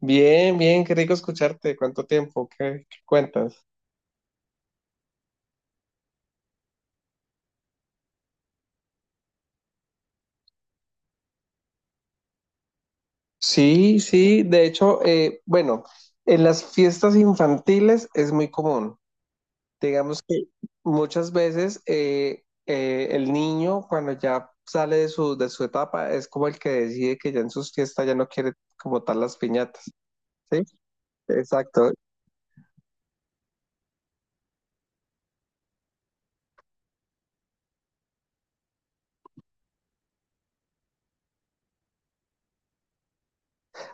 Bien, bien, qué rico escucharte. ¿Cuánto tiempo? ¿Qué cuentas? Sí, sí, de hecho, bueno, en las fiestas infantiles es muy común. Digamos que muchas veces el niño cuando ya sale de su etapa es como el que decide que ya en sus fiestas ya no quiere como tal las piñatas, ¿sí? Exacto.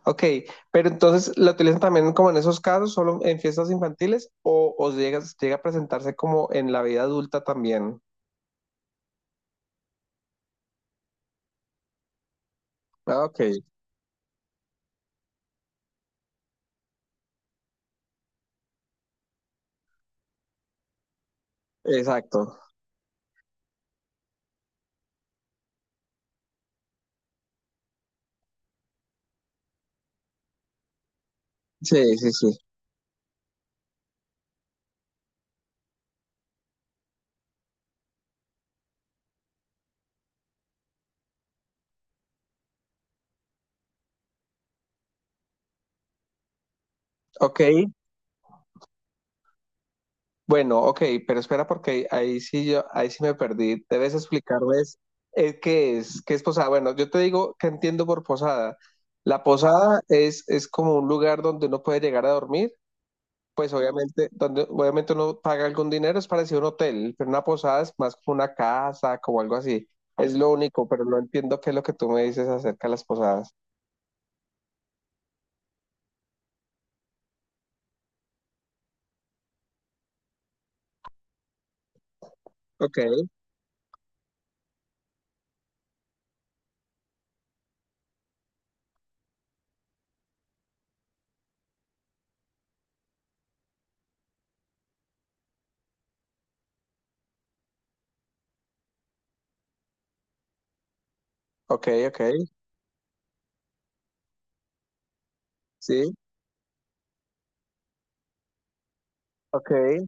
Ok, pero entonces la utilizan también como en esos casos, solo en fiestas infantiles o llega a presentarse como en la vida adulta también. Ah, ok, exacto. Sí, sí, sí. Ok, bueno, ok, pero espera porque ahí sí me perdí. Debes explicarles qué es posada. Bueno, yo te digo que entiendo por posada. La posada es como un lugar donde uno puede llegar a dormir, pues obviamente, donde obviamente uno paga algún dinero, es parecido a un hotel, pero una posada es más como una casa, como algo así. Es lo único, pero no entiendo qué es lo que tú me dices acerca de las posadas. Ok, ok, ok, sí, ok,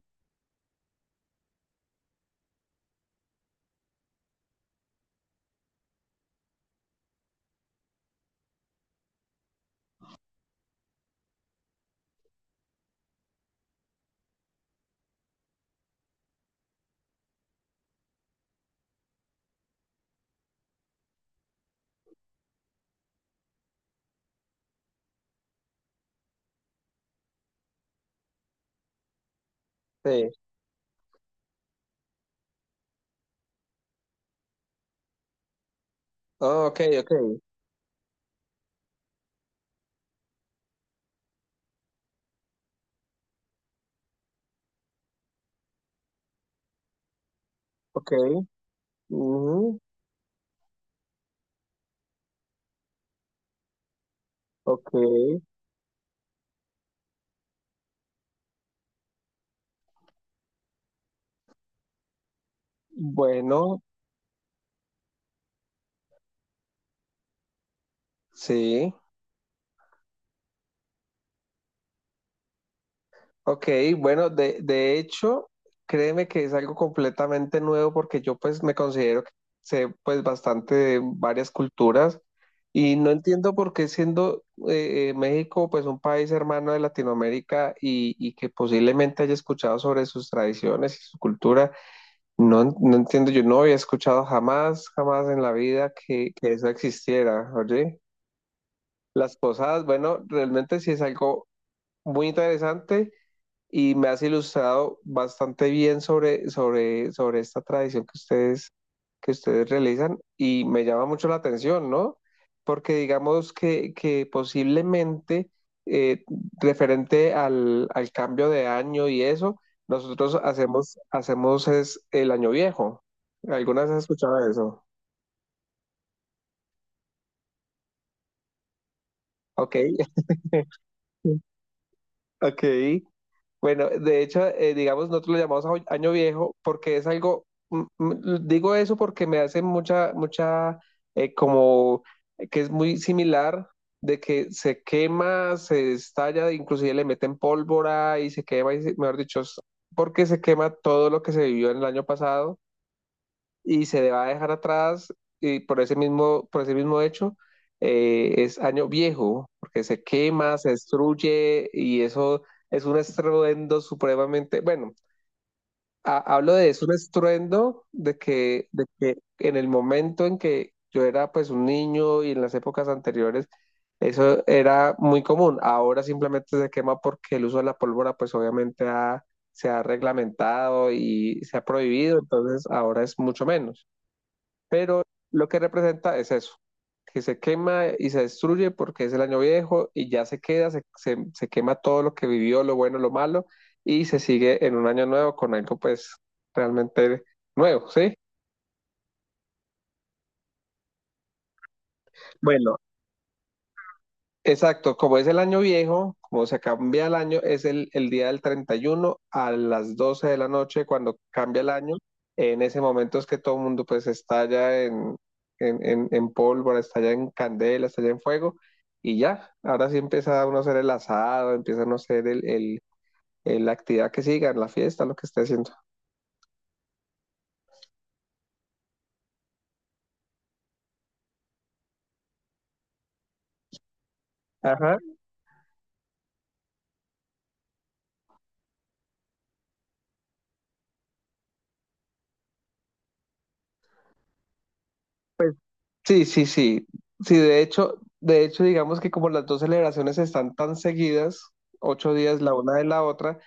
sí. Oh, ok, ok, ok. Ujú, ok. Bueno, sí. Ok, bueno, de hecho, créeme que es algo completamente nuevo porque yo pues me considero que sé pues bastante de varias culturas y no entiendo por qué siendo México pues un país hermano de Latinoamérica y que posiblemente haya escuchado sobre sus tradiciones y su cultura, no, no entiendo, yo no había escuchado jamás, jamás en la vida que eso existiera, oye. Las posadas, bueno, realmente sí es algo muy interesante y me has ilustrado bastante bien sobre esta tradición que ustedes realizan y me llama mucho la atención, ¿no? Porque digamos que posiblemente eh, referente al cambio de año y eso, nosotros hacemos es el año viejo. ¿Algunas has escuchado eso? Ok, ok. Bueno, de hecho, digamos, nosotros lo llamamos año viejo porque es algo, digo eso porque me hace mucha, mucha, como que es muy similar de que se quema, se estalla, inclusive le meten pólvora y se quema, mejor dicho, es porque se quema todo lo que se vivió en el año pasado y se le va a dejar atrás y por ese mismo hecho es año viejo, porque se quema, se destruye y eso es un estruendo supremamente, bueno, hablo de eso, un estruendo de que en el momento en que yo era pues un niño y en las épocas anteriores, eso era muy común. Ahora simplemente se quema porque el uso de la pólvora pues obviamente se ha reglamentado y se ha prohibido, entonces ahora es mucho menos pero lo que representa es eso, que se quema y se destruye porque es el año viejo y ya se queda, se quema todo lo que vivió, lo bueno, lo malo, y se sigue en un año nuevo con algo pues realmente nuevo, ¿sí? Bueno, exacto, como es el año viejo, como se cambia el año, es el día del 31 a las 12 de la noche cuando cambia el año. En ese momento es que todo el mundo pues estalla en pólvora, estalla en candela, estalla en fuego y ya, ahora sí empieza uno a hacer el asado, empieza uno a hacer la actividad que sigan, la fiesta, lo que esté haciendo. Ajá. Sí, sí, sí. Sí, de hecho, digamos que como las dos celebraciones están tan seguidas, 8 días la una de la otra,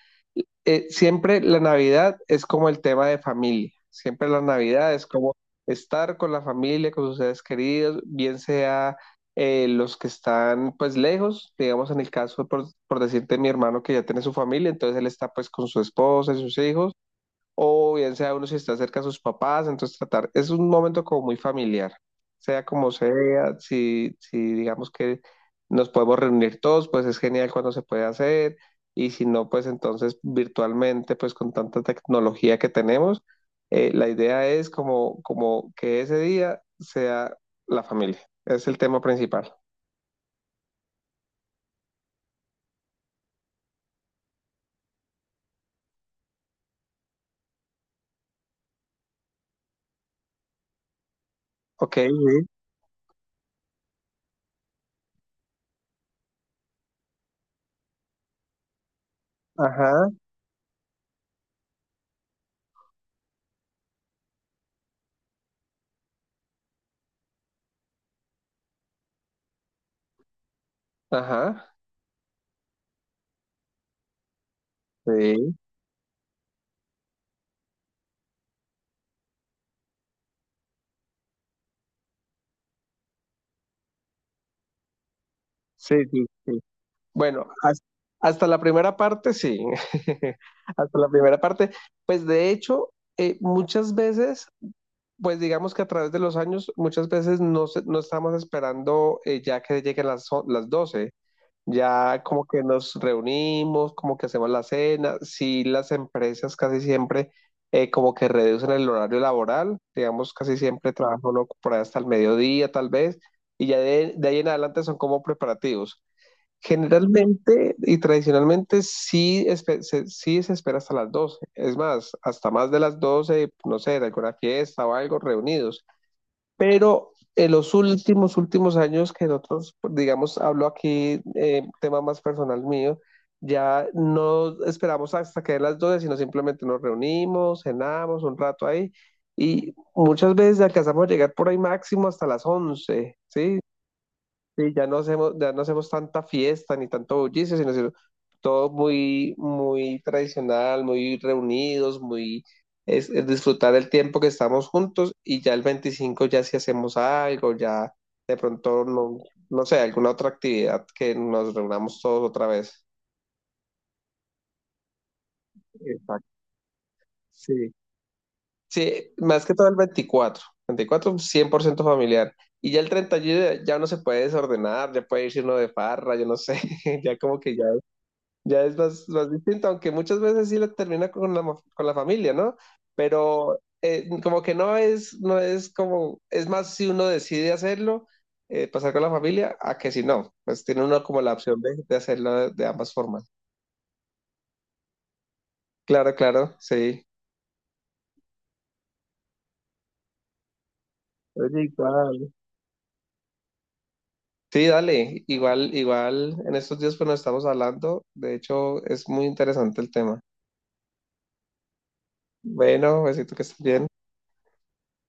siempre la Navidad es como el tema de familia, siempre la Navidad es como estar con la familia, con sus seres queridos, bien sea los que están pues lejos, digamos en el caso por decirte mi hermano que ya tiene su familia, entonces él está pues con su esposa y sus hijos o bien sea uno si está cerca de sus papás, entonces tratar, es un momento como muy familiar, sea como sea, si digamos que nos podemos reunir todos, pues es genial cuando se puede hacer, y si no, pues entonces virtualmente, pues con tanta tecnología que tenemos, la idea es como que ese día sea la familia, es el tema principal. Ok, sí. Ajá, ajá. Sí, sí, sí, sí. Bueno, hasta la primera parte, sí. Hasta la primera parte. Pues de hecho, muchas veces, pues digamos que a través de los años, muchas veces no, no estamos esperando ya que lleguen las 12. Ya como que nos reunimos, como que hacemos la cena. Sí, las empresas casi siempre como que reducen el horario laboral. Digamos, casi siempre trabajan uno por ahí hasta el mediodía, tal vez. Y ya de ahí en adelante son como preparativos. Generalmente y tradicionalmente sí, sí se espera hasta las 12, es más, hasta más de las 12 no sé, de alguna fiesta o algo, reunidos. Pero en los últimos, últimos años que nosotros, digamos, hablo aquí, tema más personal mío, ya no esperamos hasta que den las 12 sino simplemente nos reunimos, cenamos un rato ahí y muchas veces alcanzamos a llegar por ahí máximo hasta las 11, ¿sí? Sí, ya no hacemos tanta fiesta ni tanto bullicio, sino todo muy, muy tradicional, muy reunidos, muy es disfrutar el tiempo que estamos juntos y ya el 25 ya si hacemos algo, ya de pronto no, no sé, alguna otra actividad que nos reunamos todos otra vez. Exacto. Sí. Sí, más que todo el veinticuatro 100% familiar. Y ya el 31 ya uno se puede desordenar, ya puede irse uno de farra, yo no sé, ya como que ya. Ya es más, más distinto, aunque muchas veces sí la termina con la familia, ¿no? Pero como que no es como, es más si uno decide hacerlo, pasar con la familia, a que si no, pues tiene uno como la opción de hacerlo de ambas formas. Claro, claro, sí. Oye, igual. Sí, dale, igual, igual, en estos días pues nos estamos hablando, de hecho es muy interesante el tema. Bueno, besito que estés bien.